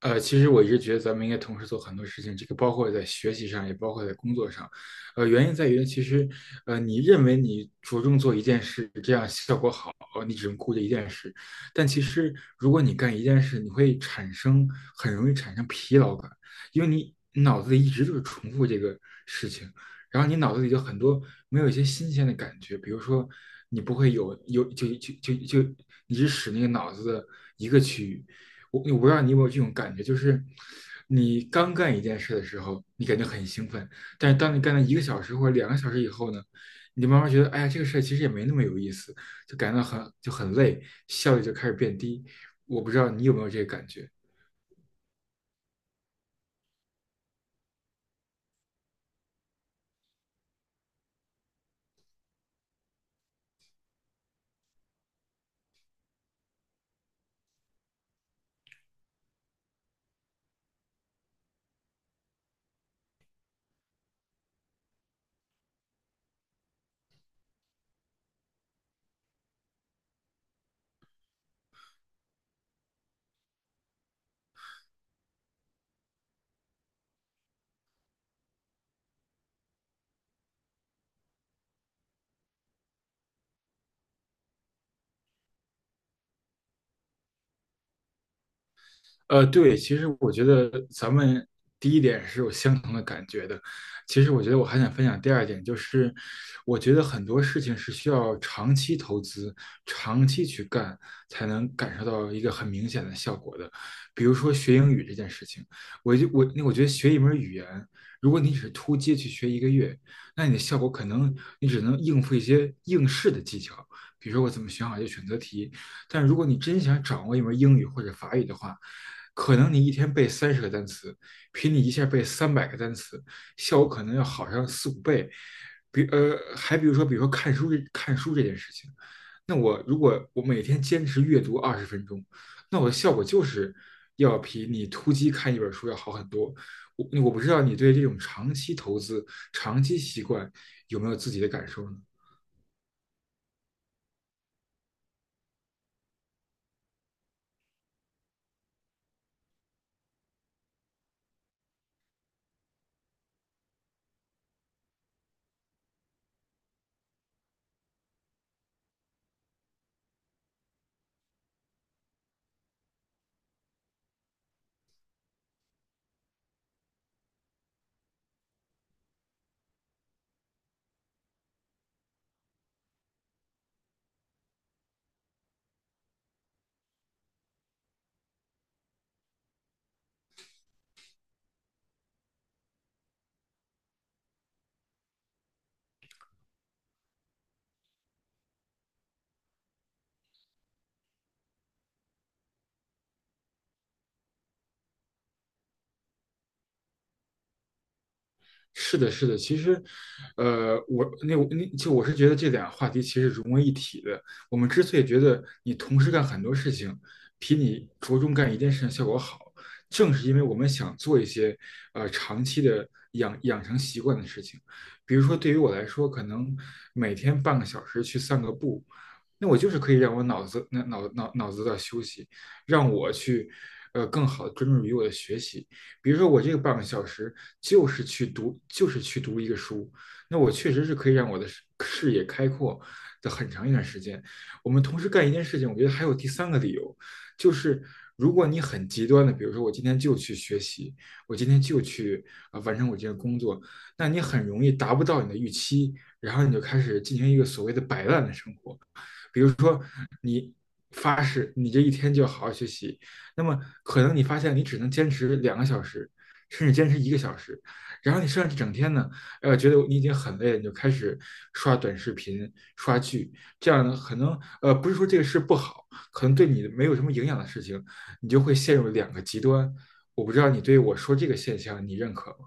其实我一直觉得咱们应该同时做很多事情，这个包括在学习上，也包括在工作上。原因在于，其实，你认为你着重做一件事，这样效果好，你只能顾着一件事。但其实，如果你干一件事，你会产生很容易产生疲劳感，因为你脑子里一直就是重复这个事情，然后你脑子里就很多没有一些新鲜的感觉，比如说，你不会有有就就就就你只使那个脑子的一个区域。我不知道你有没有这种感觉，就是你刚干一件事的时候，你感觉很兴奋，但是当你干了一个小时或者两个小时以后呢，你慢慢觉得，哎呀，这个事儿其实也没那么有意思，就感到很累，效率就开始变低。我不知道你有没有这个感觉。对，其实我觉得咱们第一点是有相同的感觉的。其实我觉得我还想分享第二点，就是我觉得很多事情是需要长期投资、长期去干，才能感受到一个很明显的效果的。比如说学英语这件事情，我就我那我觉得学一门语言，如果你只是突击去学一个月，那你的效果可能你只能应付一些应试的技巧，比如说我怎么选好一个选择题，但如果你真想掌握一门英语或者法语的话，可能你一天背30个单词，比你一下背300个单词，效果可能要好上四五倍。还比如说看书这件事情，那我如果我每天坚持阅读20分钟，那我的效果就是要比你突击看一本书要好很多。我不知道你对这种长期投资、长期习惯有没有自己的感受呢？是的，是的，其实，我那我那就我是觉得这两个话题其实融为一体的。我们之所以觉得你同时干很多事情，比你着重干一件事情效果好，正是因为我们想做一些长期的养成习惯的事情。比如说，对于我来说，可能每天半个小时去散个步，那我就是可以让我脑子、那脑脑脑子的休息，让我去，更好的专注于我的学习。比如说，我这个半个小时就是去读一个书，那我确实是可以让我的视野开阔的很长一段时间。我们同时干一件事情，我觉得还有第三个理由，就是如果你很极端的，比如说我今天就去学习，我今天就去完成我这个工作，那你很容易达不到你的预期，然后你就开始进行一个所谓的摆烂的生活。比如说你发誓你这一天就好好学习，那么可能你发现你只能坚持两个小时，甚至坚持一个小时，然后你剩下这整天呢，觉得你已经很累了，你就开始刷短视频、刷剧，这样呢，可能不是说这个事不好，可能对你没有什么营养的事情，你就会陷入两个极端。我不知道你对我说这个现象你认可吗？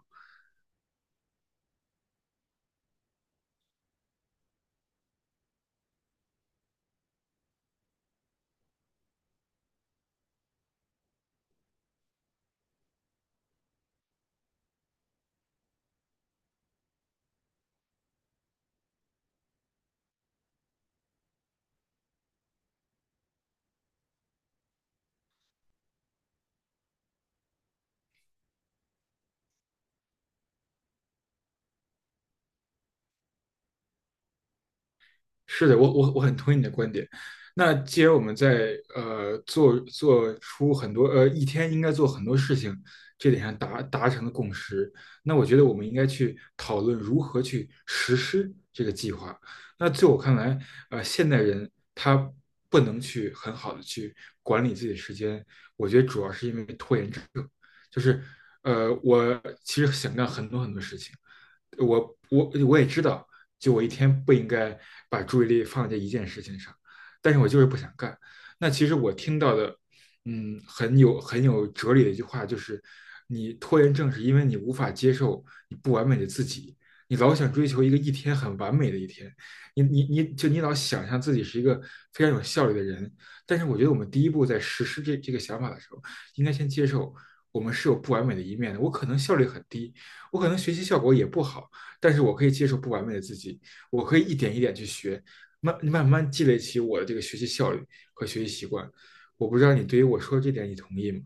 是的，我很同意你的观点。那既然我们在呃做做出很多呃一天应该做很多事情这点上达成了共识，那我觉得我们应该去讨论如何去实施这个计划。那在我看来，现代人他不能去很好的去管理自己的时间，我觉得主要是因为拖延症，就是我其实想干很多很多事情。我也知道，就我一天不应该把注意力放在一件事情上，但是我就是不想干。那其实我听到的，嗯，很有哲理的一句话就是，你拖延症是因为你无法接受你不完美的自己，你老想追求一个一天很完美的一天，你老想象自己是一个非常有效率的人，但是我觉得我们第一步在实施这个想法的时候，应该先接受我们是有不完美的一面的，我可能效率很低，我可能学习效果也不好，但是我可以接受不完美的自己，我可以一点一点去学，慢慢积累起我的这个学习效率和学习习惯。我不知道你对于我说这点你同意吗？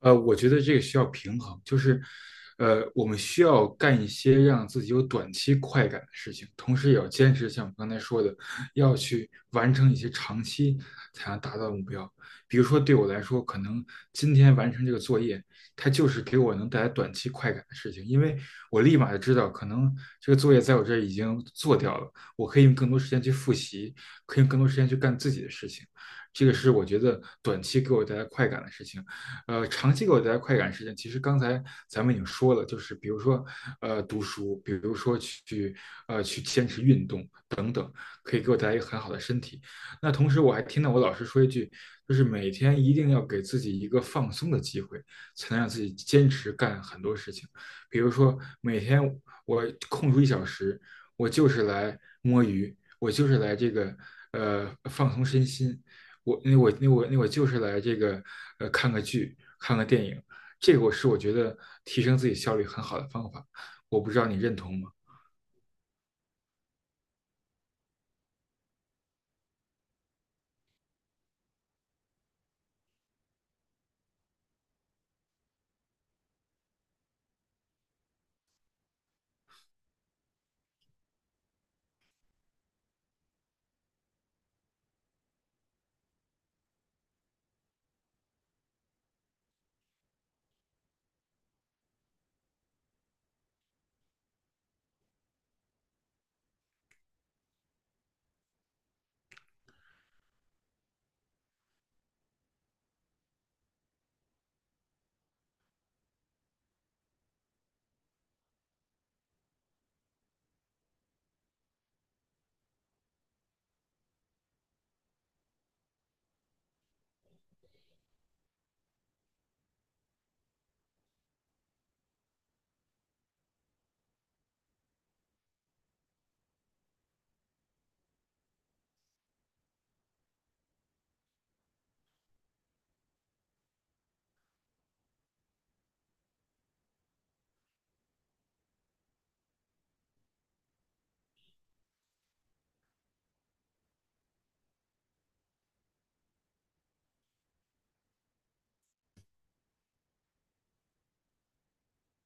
我觉得这个需要平衡，就是，我们需要干一些让自己有短期快感的事情，同时也要坚持像我刚才说的，要去完成一些长期才能达到的目标。比如说，对我来说，可能今天完成这个作业，它就是给我能带来短期快感的事情，因为我立马就知道，可能这个作业在我这儿已经做掉了，我可以用更多时间去复习，可以用更多时间去干自己的事情。这个是我觉得短期给我带来快感的事情。长期给我带来快感事情，其实刚才咱们已经说了，就是比如说读书，比如说去去坚持运动，可以给我带来一个很好的身体。那同时我还听到我老师说一句，就是每天一定要给自己一个放松的机会，才能让自己坚持干很多事情。比如说每天我空出一小时，我就是来摸鱼，我就是来这个放松身心，我就是来这个看个剧，看个电影。这个我觉得提升自己效率很好的方法，我不知道你认同吗？